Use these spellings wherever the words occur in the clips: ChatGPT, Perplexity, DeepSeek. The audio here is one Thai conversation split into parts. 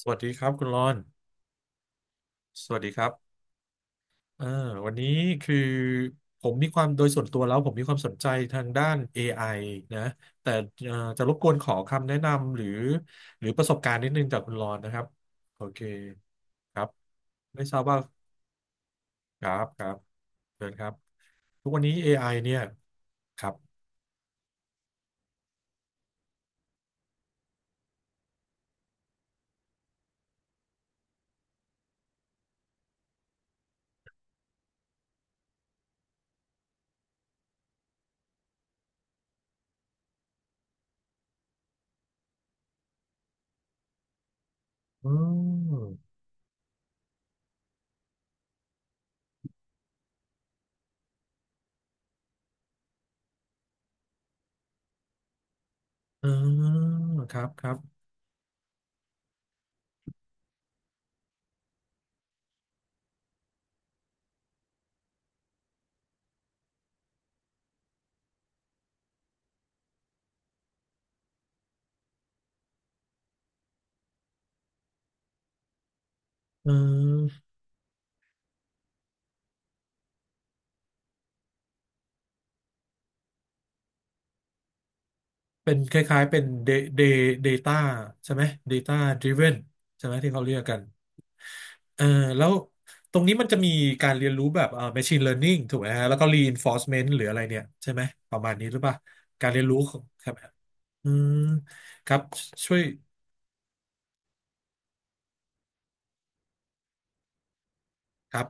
สวัสดีครับคุณรอนสวัสดีครับเออวันนี้คือผมมีความโดยส่วนตัวแล้วผมมีความสนใจทางด้าน AI นะแต่จะรบกวนขอคำแนะนำหรือประสบการณ์นิดนึงจากคุณรอนนะครับโอเคครับไม่ทราบว่าครับเชิญครับทุกวันนี้ AI เนี่ยครับอืมเออครับครับเออ เป็นคล้ายๆเป็น Da- Data ใช่ไหม Data Driven ใช่ไหมที่เขาเรียกกันเออแล้วตรงนี้มันจะมีการเรียนรู้แบบMachine Learning ถูกไหมฮะแล้วก็ Reinforcement หรืออะไรเนี่ยใช่ไหมประมาณนี้หรือเปล่าการเรียนรู้ของครับอืมครับช่วยครับ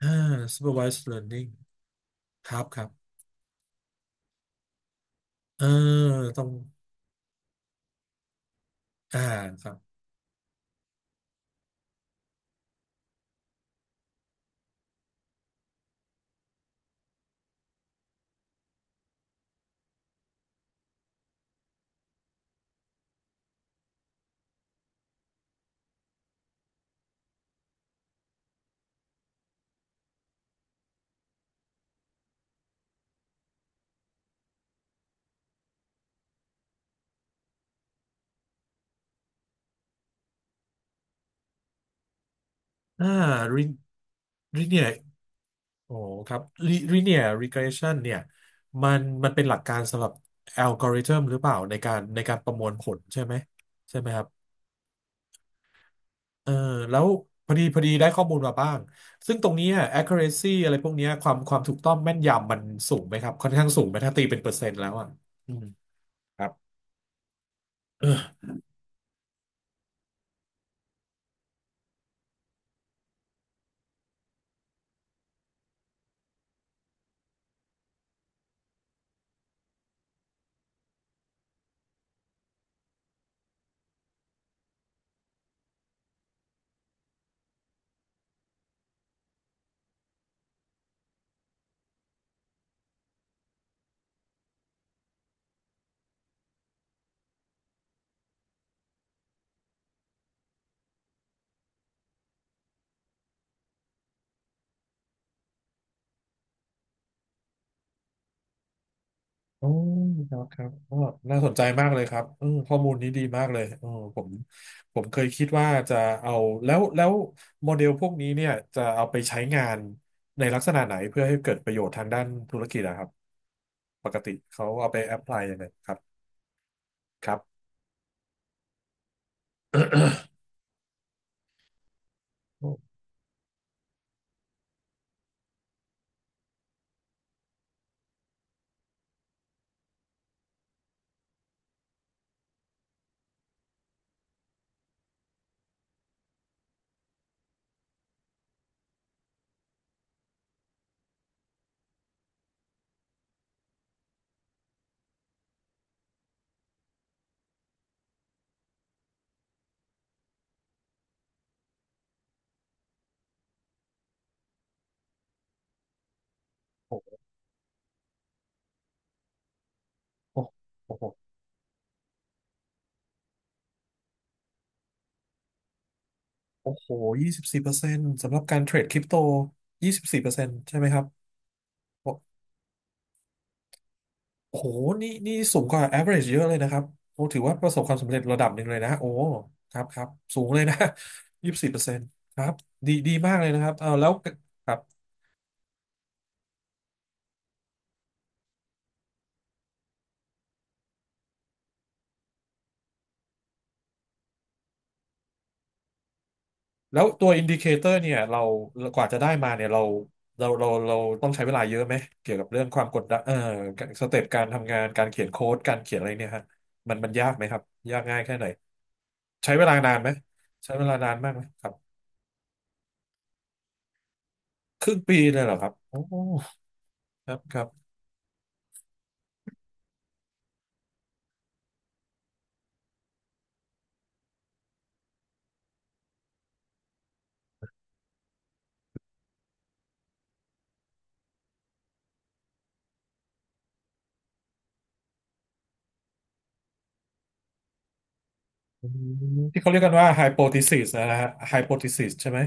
อ่า Supervised Learning ครับครับเออตรงอ่าครับอ่า re- เนีย โอ้ครับ linear regression เนี่ยมันมันเป็นหลักการสำหรับอัลกอริทึมหรือเปล่าในการประมวลผลใช่ไหมใช่ไหมครับเออแล้วพอดีได้ข้อมูลมาบ้างซึ่งตรงเนี้ย accuracy อะไรพวกเนี้ยความถูกต้องแม่นยำมันสูงไหมครับค่อนข้างสูงไหมถ้าตีเป็นเปอร์เซ็นต์แล้วอ่ะอืมครับ อ๋อครับครับก็น่าสนใจมากเลยครับเออข้อมูลนี้ดีมากเลยเออผมผมเคยคิดว่าจะเอา แล้วโมเดลพวกนี้เนี่ยจะเอาไปใช้งานในลักษณะไหนเพื่อให้เกิดประโยชน์ทางด้านธุรกิจนะครับปกติเขาเอาไปแอพพลายยังไงครับครับ โอ้โหโอ้โหโอ้โหยี่สิบสี่เปอร์เซ็นต์สำหรับการเทรดคริปโตยี่สิบสี่เปอร์เซ็นต์ใช่ไหมครับ โอ้โหนี่นี่สูงกว่า average เยอะเลยนะครับโอ้ถือว่าประสบความสำเร็จระดับหนึ่งเลยนะโอ้ครับครับสูงเลยนะ ยี่สิบสี่เปอร์เซ็นต์ครับดีดีมากเลยนะครับเอาแล้วครับแล้วตัวอินดิเคเตอร์เนี่ยเรากว่าจะได้มาเนี่ยเราเราต้องใช้เวลาเยอะไหมเกี่ยวกับเรื่องความกดดันสเต็ปการทำงานการเขียนโค้ดการเขียนอะไรเนี่ยฮะมันมันยากไหมครับยากง่ายแค่ไหนใช้เวลานานไหมใช้เวลานานมากไหมครับครึ่งปีเลยเหรอครับโอ้ครับครับ อืมที่เขาเรียกกันว่า hypothesis นะฮะ hypothesis ใช่ไหม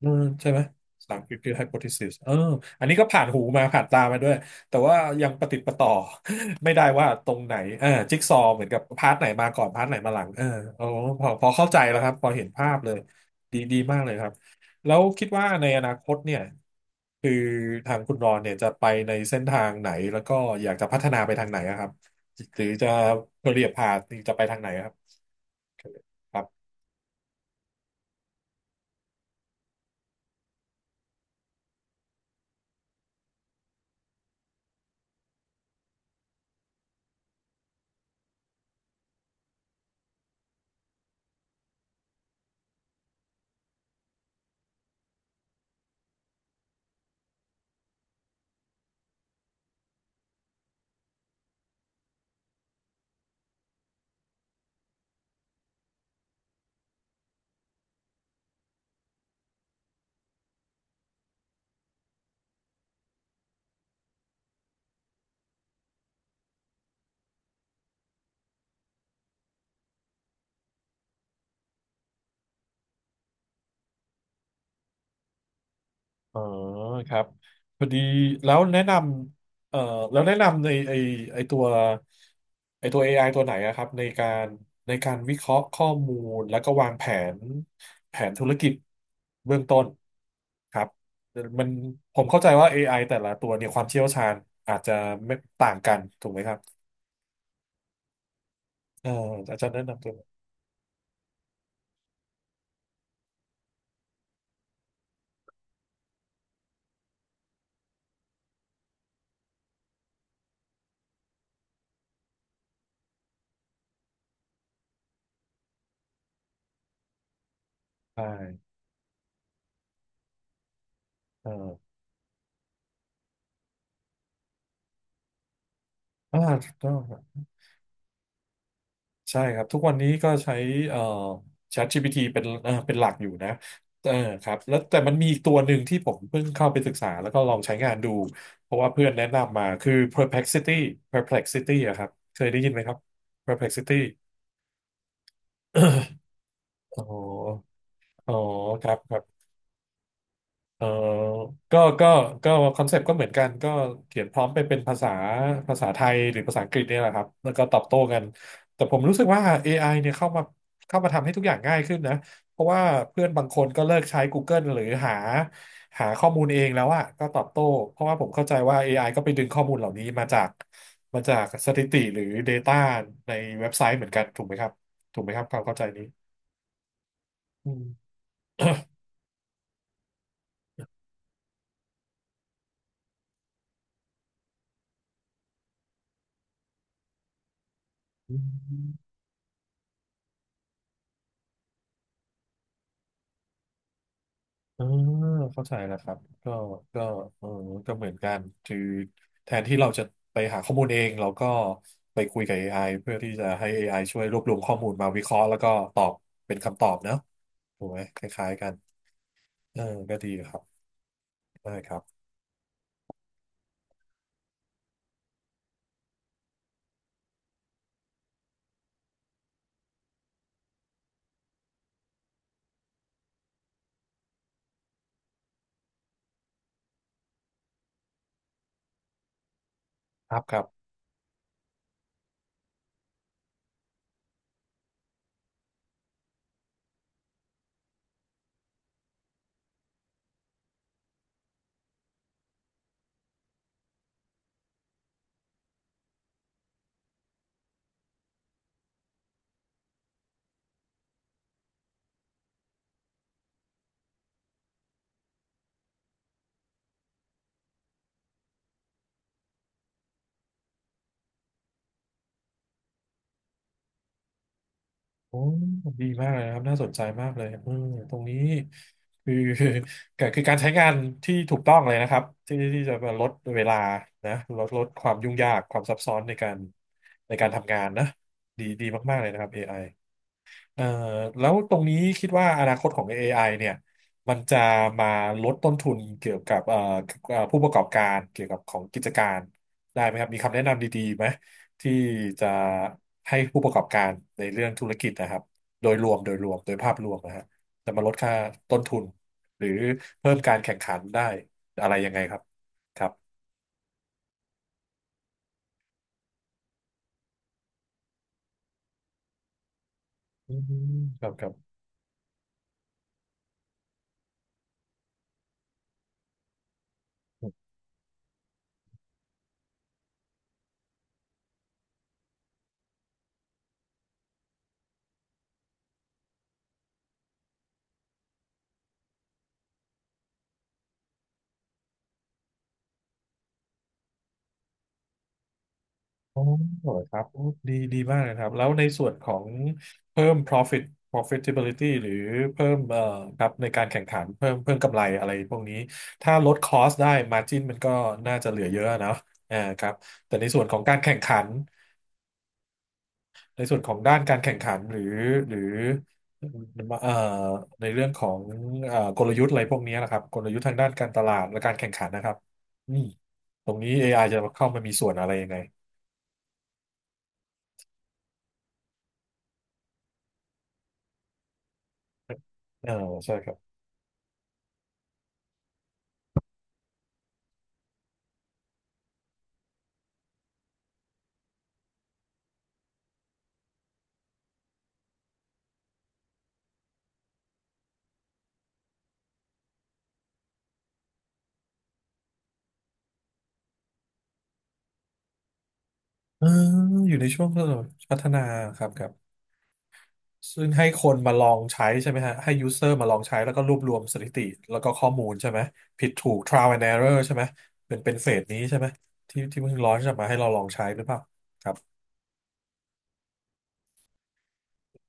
อืมใช่ไหมภาษาอังกฤษคือ hypothesis เอออันนี้ก็ผ่านหูมาผ่านตามาด้วย แต่ว่ายังประติดประต่อ ไม่ได้ว่าตรงไหนเออจิ๊กซอว์เหมือนกับพาร์ทไหนมาก่อนพาร์ทไหนมาหลังเออโอ้พอเข้าใจแล้วครับ พอเห็นภาพเลยดีดีมากเลยครับ แล้วคิดว่าในอนาคตเนี่ยคือทางคุณรอนเนี่ยจะไปในเส้นทางไหนแล้วก็อยากจะพัฒนาไปทางไหนอะครับ หรือจะเปลี่ยนพาสจะไปทางไหนอะครับครับ อ๋อครับพอดีแล้วแนะนำแล้วแนะนำในไอตัวไอตัว AI ตัวไหนอะครับในการวิเคราะห์ข้อมูลแล้วก็วางแผนแผนธุรกิจเบื้องต้นครับมันผมเข้าใจว่า AI แต่ละตัวเนี่ยความเชี่ยวชาญอาจจะไม่ต่างกันถูกไหมครับเอออาจารย์แนะนำตัวไได้เอออ่าถูกต้อง ใช่ครับทุกวันนี้ก็ใช้เอ่อ ChatGPT เป็นเป็นหลักอยู่นะเออครับแล้วแต่มันมีอีกตัวหนึ่งที่ผมเพิ่งเข้าไปศึกษาแล้วก็ลองใช้งานดูเพราะว่าเพื่อนแนะนำมาคือ Perplexity Perplexity อะครับเคยได้ยินไหมครับ Perplexity อ๋ออ๋อครับครับ เออก็ก็คอนเซปต์ก็เหมือนกัน ก็เขียนพร้อมไปเป็นภาษาไทยหรือภาษาอังกฤษเนี่ยแหละครับ แล้วก็ตอบโต้กัน แต่ผมรู้สึกว่า AI เนี่ยเข้ามาทำให้ทุกอย่างง่ายขึ้นนะเพราะว่าเพื่อนบางคนก็เลิกใช้ Google หรือหาข้อมูลเองแล้วอะก็ตอบโต้ เพราะว่าผมเข้าใจว่า AI ก็ไปดึงข้อมูลเหล่านี้มาจากสถิติหรือ Data ในเว็บไซต์เหมือนกันถูกไหมครับถูกไหมครับความเข้าใจนี้อืม อ่าเข้าใจแล้วครับก็ก็เออก็เหมือนกันคือแทนที่เราจะไปหาข้อมูลเองเราก็ไปคุยกับ AI เพื่อที่จะให้ AI ช่วยรวบรวมข้อมูลมาวิเคราะห์แล้วก็ตอบเป็นคำตอบเนอะถูกไหมคล้ายๆกันเออก็ดีครับได้ครับครับครับ โอ้ดีมากเลยนะครับน่าสนใจมากเลยอืมตรงนี้คือ คือก็คือการใช้งานที่ถูกต้องเลยนะครับที่ที่จะมาลดเวลานะลดความยุ่งยากความซับซ้อนในการในการทำงานนะดีดีมากๆเลยนะครับ AI เอ่อแล้วตรงนี้คิดว่าอนาคตของ AI เนี่ยมันจะมาลดต้นทุนเกี่ยวกับผู้ประกอบการเกี่ยวกับของกิจการได้ไหมครับมีคำแนะนำดีๆไหมที่จะให้ผู้ประกอบการในเรื่องธุรกิจนะครับโดยรวมโดยภาพรวมนะฮะจะมาลดค่าต้นทุนหรือเพิ่มการแข่งขันได้อะไรยังไงครับครับอืมครับครับ อ๋อครับโอ้ดีดีมากเลยครับแล้วในส่วนของเพิ่ม profit profitability หรือเพิ่มครับในการแข่งขันเพิ่มกำไรอะไรพวกนี้ถ้าลดคอสได้ margin มันก็น่าจะเหลือเยอะเนอะอ่าครับแต่ในส่วนของการแข่งขันในส่วนของด้านการแข่งขันหรือหรือเอ่อในเรื่องของกลยุทธ์อะไรพวกนี้นะครับกลยุทธ์ทางด้านการตลาดและการแข่งขันนะครับอืมตรงนี้ AI จะเข้ามามีส่วนอะไรยังไงเออใช่ครับ เอออยู่ในช่วงพัฒนาครับครับซึ่งให้คนมาลองใช้ใช่ไหมฮะให้ยูเซอร์มาลองใช้แล้วก็รวบรวมสถิติแล้วก็ข้อมูลใช่ไหมผิดถูก trial and error ใช่ไหมเป็นเป็นเฟสนี้ใช่ไหมที่ที่เพิ่งร้อนจะมาให้เราลองใช้หรือเปล่าครับ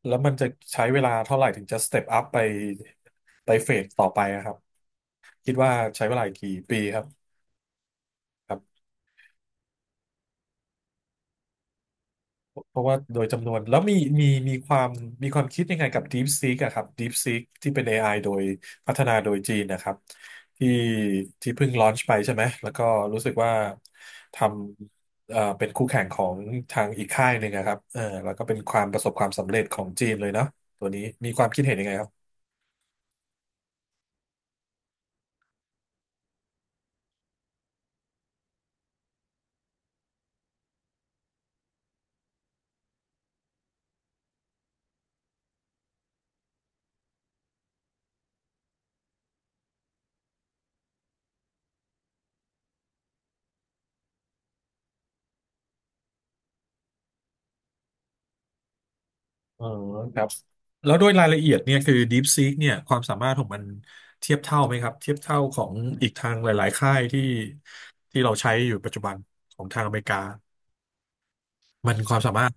แล้วมันจะใช้เวลาเท่าไหร่ถึงจะสเต็ปอัพไปไปเฟสต่อไปอะครับคิดว่าใช้เวลากี่ปีครับ เพราะว่าโดยจำนวนแล้วมีมีความคิดยังไงกับ DeepSeek อะครับ DeepSeek ที่เป็น AI โดยพัฒนาโดยจีนนะครับที่ที่เพิ่งลอนช์ไปใช่ไหมแล้วก็รู้สึกว่าทำเป็นคู่แข่งของทางอีกค่ายหนึ่งอะครับเออแล้วก็เป็นความประสบความสำเร็จของจีนเลยเนาะตัวนี้มีความคิดเห็นยังไงครับ อ๋อครับแล้วโด้วยรายละเอียดเนี่ยคือ DeepSeek เนี่ยความสามารถของมันเทียบเท่าไหมครับเทียบเท่าของอีกทางหลายๆค่ายที่ที่เราใช้อยู่ปัจจุบันของทางอเมริกามันความสามารถ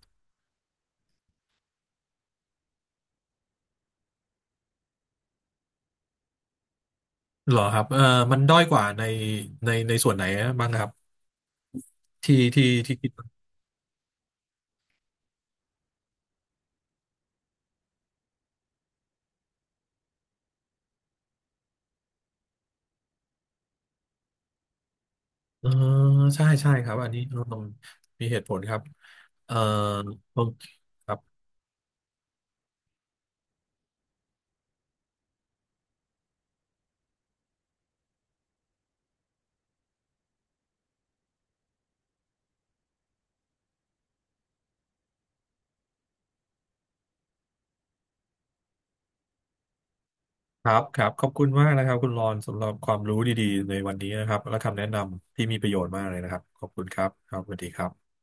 เหรอครับเออมันด้อยกว่าในในส่วนไหนบ้างครับที่ที่คิดว่าเออใช่ใช่ครับอันนี้เรามีเหตุผลครับเออโอเคครับ ครับครับขอบคุณมากนะครับคุณรอนสำหรับความรู้ดีๆในวันนี้นะครับและคำแนะนำที่มีประโยชน์มากเลยนะครับขอบคุณครับครับสวัสดีครับ